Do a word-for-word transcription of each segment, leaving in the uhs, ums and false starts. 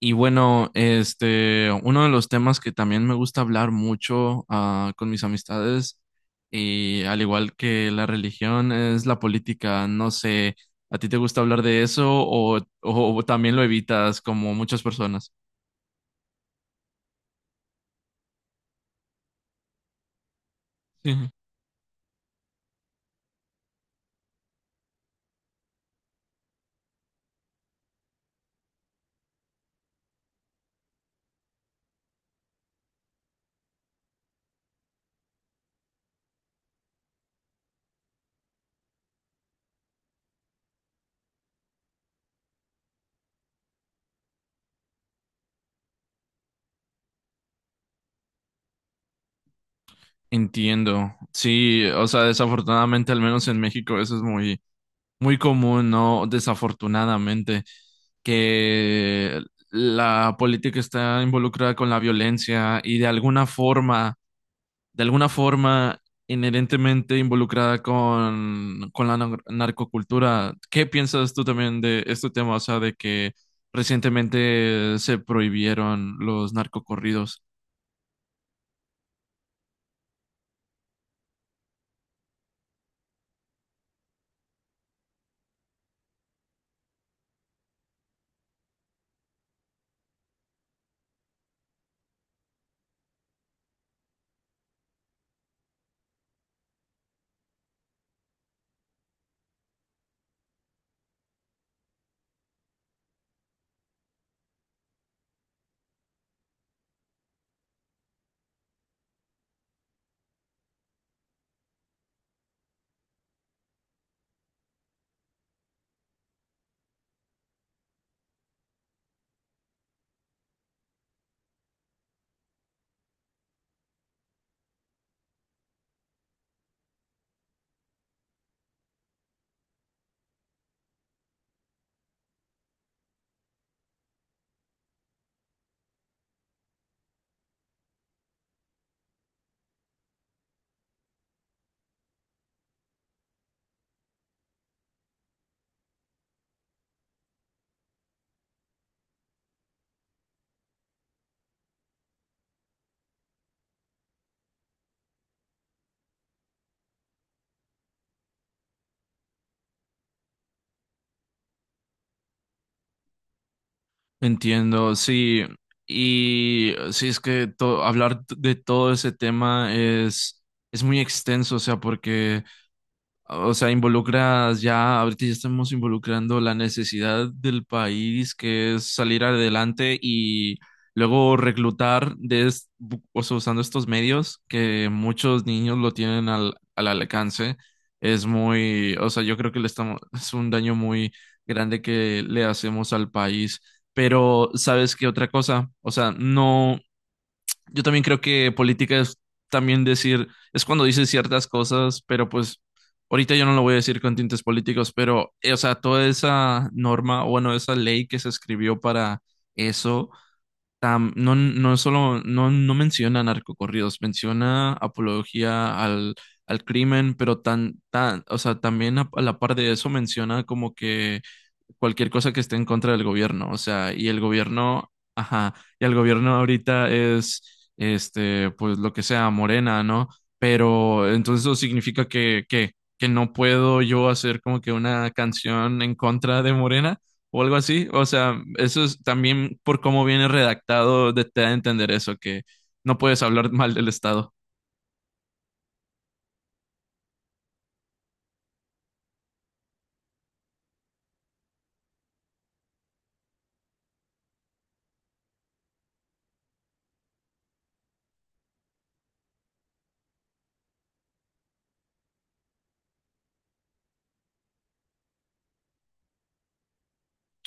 Y bueno, este, uno de los temas que también me gusta hablar mucho ah, con mis amistades, y al igual que la religión, es la política. No sé, ¿a ti te gusta hablar de eso o, o también lo evitas como muchas personas? Sí. Entiendo. Sí, o sea, desafortunadamente, al menos en México, eso es muy, muy común, ¿no? Desafortunadamente, que la política está involucrada con la violencia y de alguna forma de alguna forma inherentemente involucrada con, con la nar- narcocultura. ¿Qué piensas tú también de este tema? O sea, de que recientemente se prohibieron los narcocorridos. Entiendo, sí. Y sí, es que to- hablar de todo ese tema es, es muy extenso, o sea, porque o sea, involucras ya, ahorita ya estamos involucrando la necesidad del país que es salir adelante y luego reclutar de, es- bu- o sea, usando estos medios que muchos niños lo tienen al, al alcance. Es muy, o sea, yo creo que le estamos, es un daño muy grande que le hacemos al país. Pero, ¿sabes qué otra cosa? O sea, no, yo también creo que política es también decir, es cuando dices ciertas cosas, pero pues ahorita yo no lo voy a decir con tintes políticos, pero, eh, o sea, toda esa norma, o bueno, esa ley que se escribió para eso, tam- no, no solo, no, no menciona narcocorridos, menciona apología al, al crimen, pero tan, tan, o sea, también a a la par de eso menciona como que cualquier cosa que esté en contra del gobierno, o sea, y el gobierno, ajá, y el gobierno ahorita es, este, pues lo que sea, Morena, ¿no? Pero entonces eso significa que, que, que no puedo yo hacer como que una canción en contra de Morena o algo así, o sea, eso es también por cómo viene redactado, de, te da a entender eso, que no puedes hablar mal del Estado.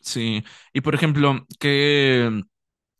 Sí, y por ejemplo, ¿qué,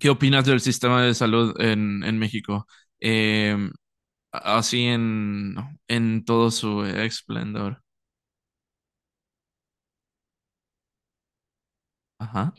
qué opinas del sistema de salud en, en México? Eh, Así en, ¿no?, en todo su esplendor. Ajá.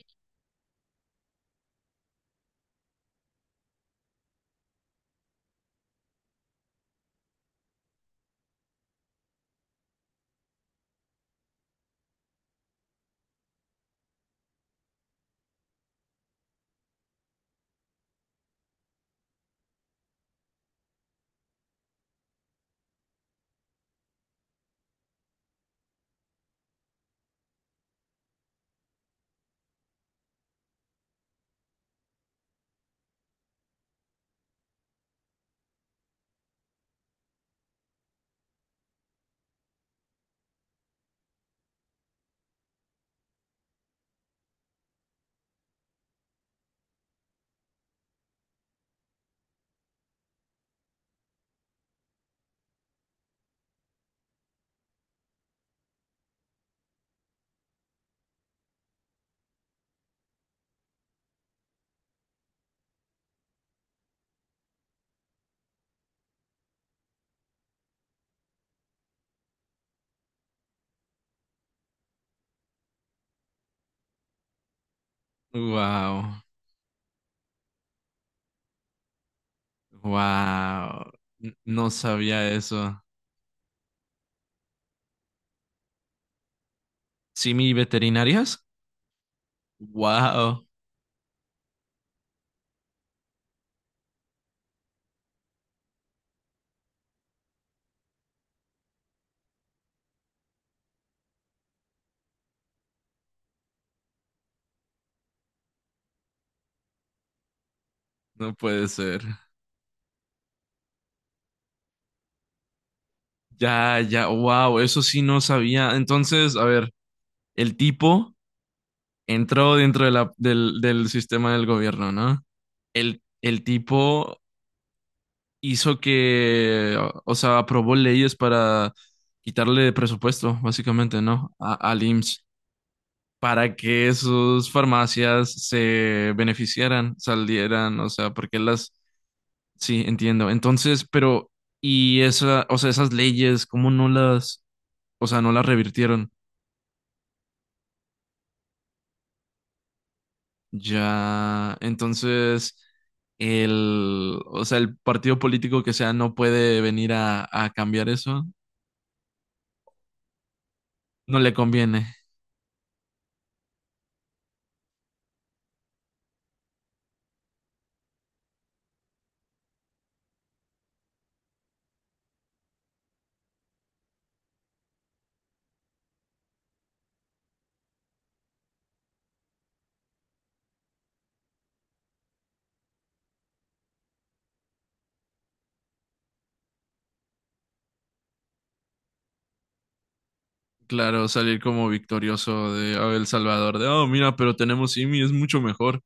Wow. Wow. No sabía eso. ¿Simi veterinarias? Wow. No puede ser. Ya, ya. Wow. Eso sí no sabía. Entonces, a ver, el tipo entró dentro de la, del, del sistema del gobierno, ¿no? El, el tipo hizo que, o sea, aprobó leyes para quitarle presupuesto, básicamente, ¿no? A, al I M S S, para que sus farmacias se beneficiaran, salieran, o sea, porque las, sí, entiendo. Entonces, pero, y esa, o sea, esas leyes, ¿cómo no las, o sea, no las revirtieron? Ya, entonces, el, o sea, el partido político que sea no puede venir a, a cambiar eso, no le conviene. Claro, salir como victorioso de oh, El Salvador, de, oh, mira, pero tenemos I M I, es mucho mejor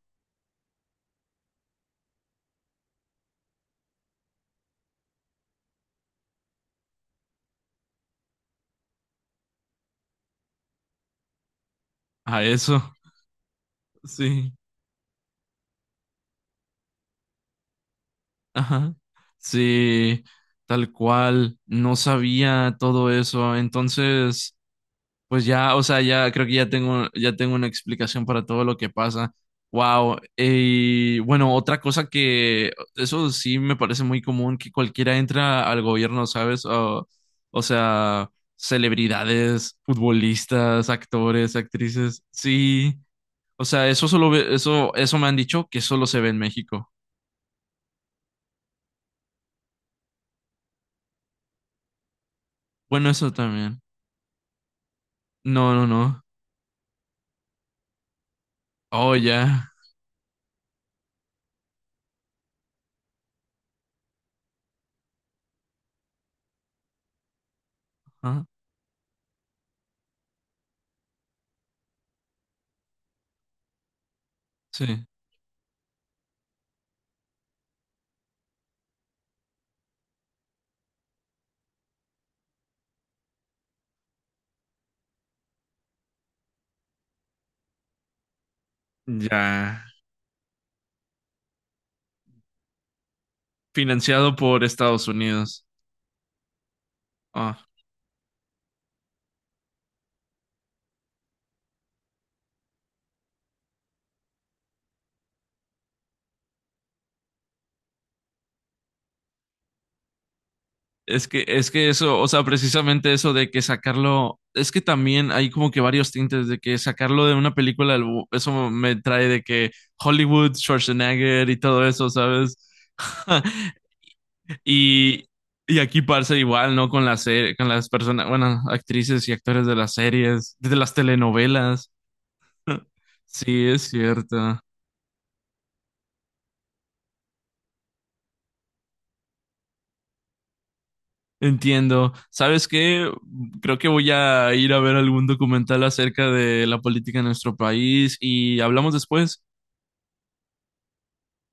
a eso. Sí. Ajá. Sí, tal cual. No sabía todo eso. Entonces, pues ya, o sea, ya creo que ya tengo, ya tengo una explicación para todo lo que pasa. Wow. Y bueno, otra cosa que eso sí me parece muy común, que cualquiera entra al gobierno, ¿sabes? O, o sea, celebridades, futbolistas, actores, actrices. Sí. O sea, eso solo ve- eso, eso me han dicho que solo se ve en México. Bueno, eso también. No, no, no. Oh, ya. Ah, sí. Ya. Financiado por Estados Unidos. Ah, es que, es que eso, o sea, precisamente eso de que sacarlo, es que también hay como que varios tintes de que sacarlo de una película, lo- eso me trae de que Hollywood, Schwarzenegger y todo eso, ¿sabes? Y, y aquí pasa igual, ¿no? Con las, se- con las personas, bueno, actrices y actores de las series, de las telenovelas. Sí, es cierto. Entiendo. ¿Sabes qué? Creo que voy a ir a ver algún documental acerca de la política en nuestro país y hablamos después.